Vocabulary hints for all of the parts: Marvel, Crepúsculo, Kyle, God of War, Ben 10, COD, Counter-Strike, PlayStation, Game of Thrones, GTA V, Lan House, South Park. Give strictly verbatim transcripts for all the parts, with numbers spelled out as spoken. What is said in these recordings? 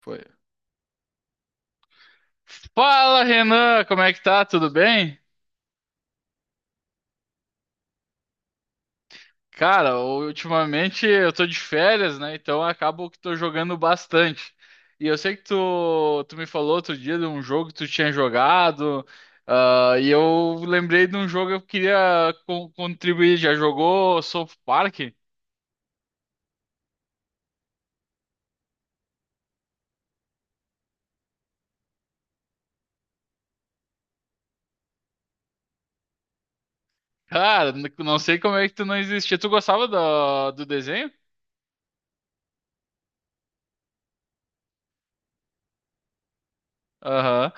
Foi. Fala, Renan, como é que tá? Tudo bem? Cara, ultimamente eu tô de férias, né? Então eu acabo que tô jogando bastante. E eu sei que tu, tu me falou outro dia de um jogo que tu tinha jogado, ah, e eu lembrei de um jogo que eu queria con- contribuir. Já jogou South Park? Cara, n- não sei como é que tu não existia. Tu gostava do, do desenho? Aham.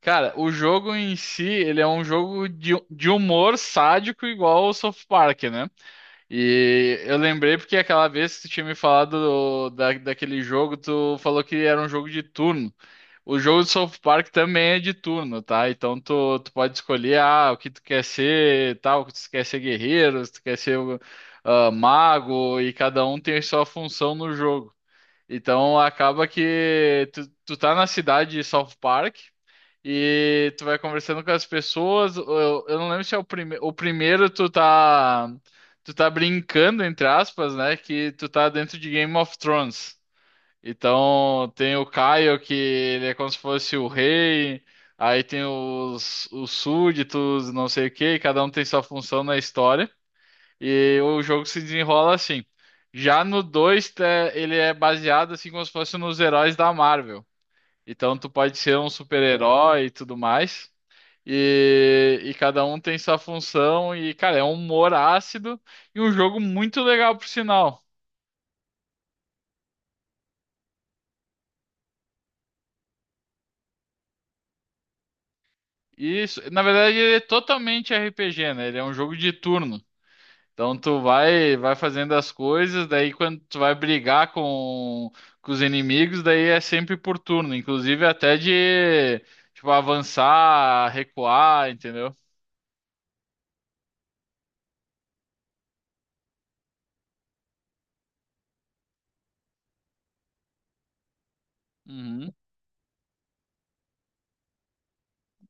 Cara, o jogo em si, ele é um jogo de, de humor sádico igual o South Park, né? E eu lembrei porque aquela vez que tu tinha me falado do- da, daquele jogo, tu falou que era um jogo de turno. O jogo do South Park também é de turno, tá? Então tu, tu pode escolher ah, o que tu quer ser, tal, se tu quer ser guerreiro, se tu quer ser ah, mago, e cada um tem a sua função no jogo. Então acaba que tu, tu tá na cidade de South Park e tu vai conversando com as pessoas. Eu, eu não lembro se é o primeiro. O primeiro tu tá. Tu tá brincando, entre aspas, né? Que tu tá dentro de Game of Thrones. Então tem o Kyle, que ele é como se fosse o rei. Aí tem os, os súditos, não sei o quê, e cada um tem sua função na história. E o jogo se desenrola assim. Já no dois, tá, ele é baseado assim como se fosse nos heróis da Marvel. Então tu pode ser um super-herói e tudo mais. E, e cada um tem sua função. E, cara, é um humor ácido e um jogo muito legal, por sinal. Isso, na verdade, ele é totalmente R P G, né? Ele é um jogo de turno. Então tu vai, vai fazendo as coisas, daí quando tu vai brigar com, com os inimigos, daí é sempre por turno, inclusive até de tipo avançar, recuar, entendeu? Uhum.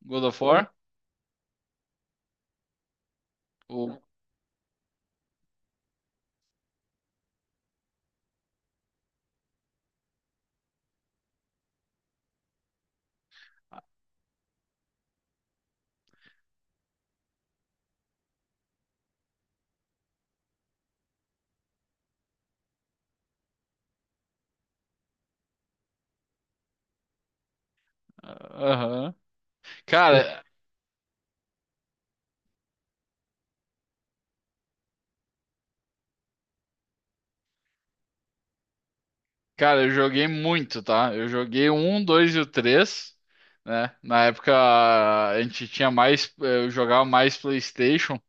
God of War? O- Aham. Cara, cara, eu joguei muito, tá? Eu joguei o um, dois e o três, né? Na época a gente tinha mais, eu jogava mais PlayStation.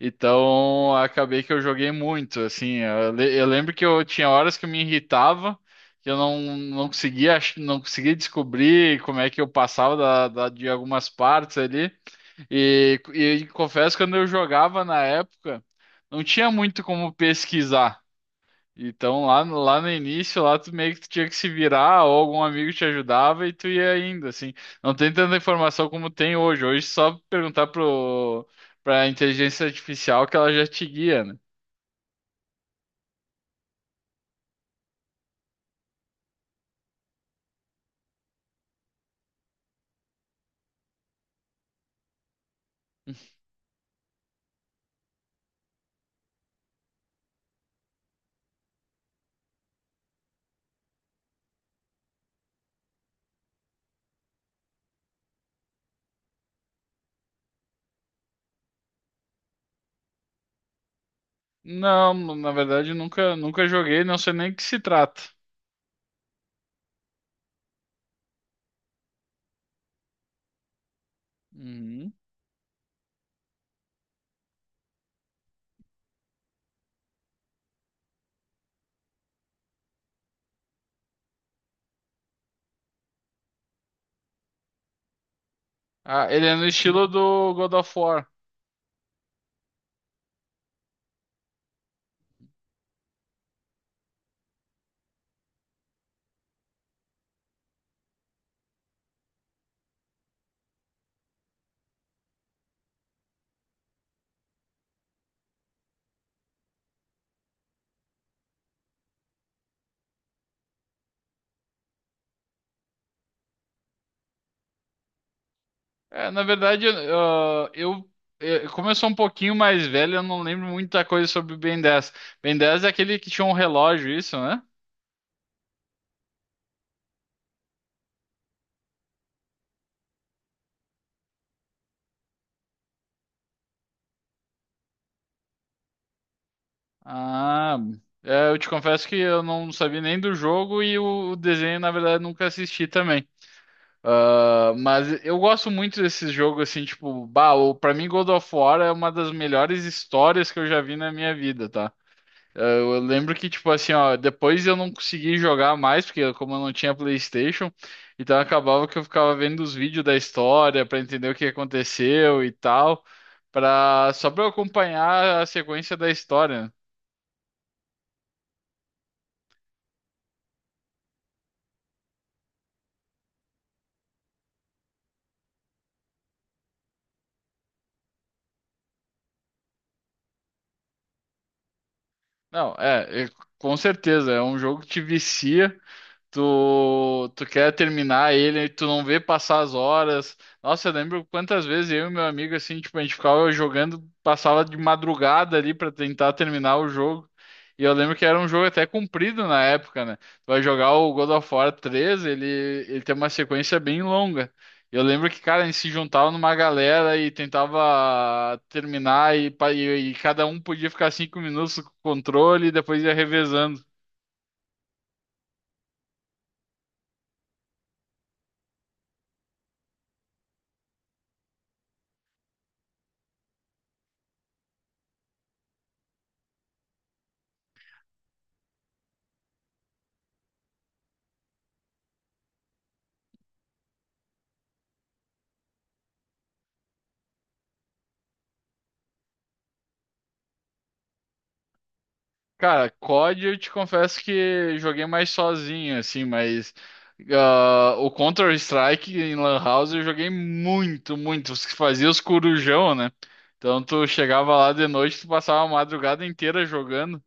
Então, acabei que eu joguei muito, assim, eu, le- eu lembro que eu tinha horas que eu me irritava, que eu não, não conseguia, ach- não conseguia descobrir como é que eu passava da, da- de algumas partes ali, e, e confesso que quando eu jogava na época, não tinha muito como pesquisar, então lá, no- lá no início, lá tu meio que tu tinha que se virar, ou algum amigo te ajudava e tu ia indo, assim. Não tem tanta informação como tem hoje. Hoje é só perguntar pro, pra inteligência artificial que ela já te guia, né? Não, na verdade nunca, nunca joguei, não sei nem o que se trata. Uhum. Ah, ele é no estilo do God of War. É, na verdade, ah, eu, eh, como eu sou um pouquinho mais velho, eu não lembro muita coisa sobre o Ben dez. Ben dez é aquele que tinha um relógio, isso, né? Ah, é, eu te confesso que eu não sabia nem do jogo e o, o desenho, na verdade, nunca assisti também. Ah, mas eu gosto muito desses jogos, assim, tipo, bah, o- pra mim God of War é uma das melhores histórias que eu já vi na minha vida, tá? Ah, eu lembro que, tipo assim, ó, depois eu não consegui jogar mais, porque como eu não tinha PlayStation, então acabava que eu ficava vendo os vídeos da história pra entender o que aconteceu e tal, pra, só pra eu acompanhar a sequência da história, né? Não, é, é, com certeza, é um jogo que te vicia. Tu, tu quer terminar ele, e tu não vê passar as horas. Nossa, eu lembro quantas vezes eu e meu amigo, assim, tipo, a gente ficava jogando, passava de madrugada ali pra tentar terminar o jogo. E eu lembro que era um jogo até comprido na época, né? Tu vai jogar o God of War três ele, ele tem uma sequência bem longa. Eu lembro que, cara, a gente se juntava numa galera e tentava terminar, e, pa- e, e cada um podia ficar cinco minutos com o controle e depois ia revezando. Cara, cod eu te confesso que joguei mais sozinho, assim, mas ah, o Counter-Strike em Lan House eu joguei muito, muito. Os que fazia os corujão, né? Então tu chegava lá de noite, tu passava a madrugada inteira jogando.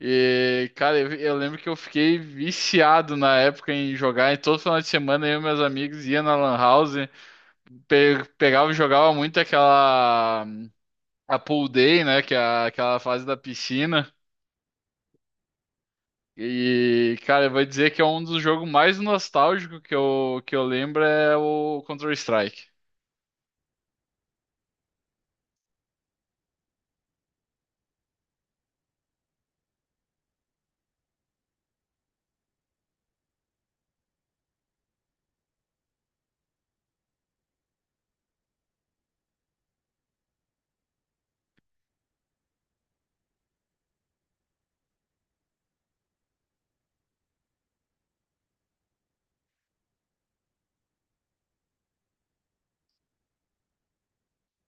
E, cara, eu, eu lembro que eu fiquei viciado na época em jogar. E todo final de semana eu e meus amigos ia na Lan House, pe- pegava e jogava muito aquela. A pool day, né? Que é a- aquela fase da piscina. E, cara, eu vou dizer que é um dos jogos mais nostálgicos que eu, que eu lembro é o Counter-Strike.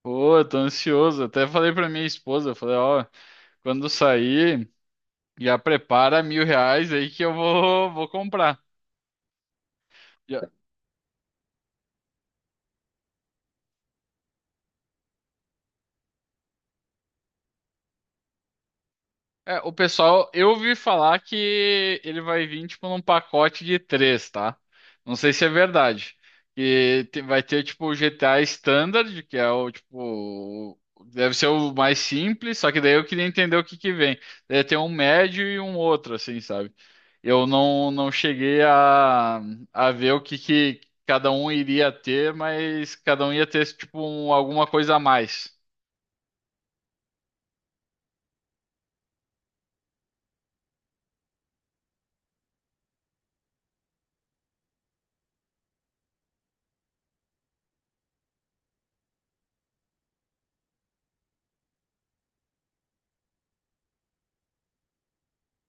Pô, eu tô ansioso. Até falei pra minha esposa, eu falei, ó, quando sair, já prepara mil reais aí que eu vou, vou comprar. É, o pessoal, eu ouvi falar que ele vai vir tipo num pacote de três, tá? Não sei se é verdade. E te- vai ter tipo o G T A Standard, que é o tipo, o- deve ser o mais simples, só que daí eu queria entender o que que vem. Deve ter um médio e um outro, assim, sabe? Eu não, não cheguei a, a ver o que que cada um iria ter, mas cada um ia ter tipo um- alguma coisa a mais.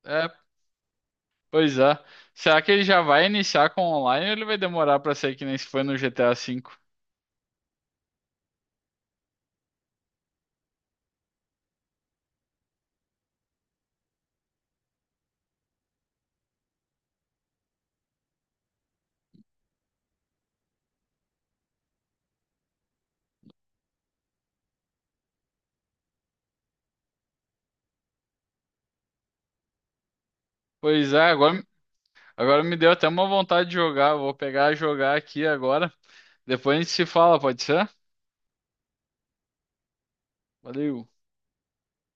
É. Pois é. Será que ele já vai iniciar com online ou ele vai demorar pra sair que nem se foi no G T A V? Pois é, agora, agora me deu até uma vontade de jogar. Vou pegar e jogar aqui agora. Depois a gente se fala, pode ser? Valeu.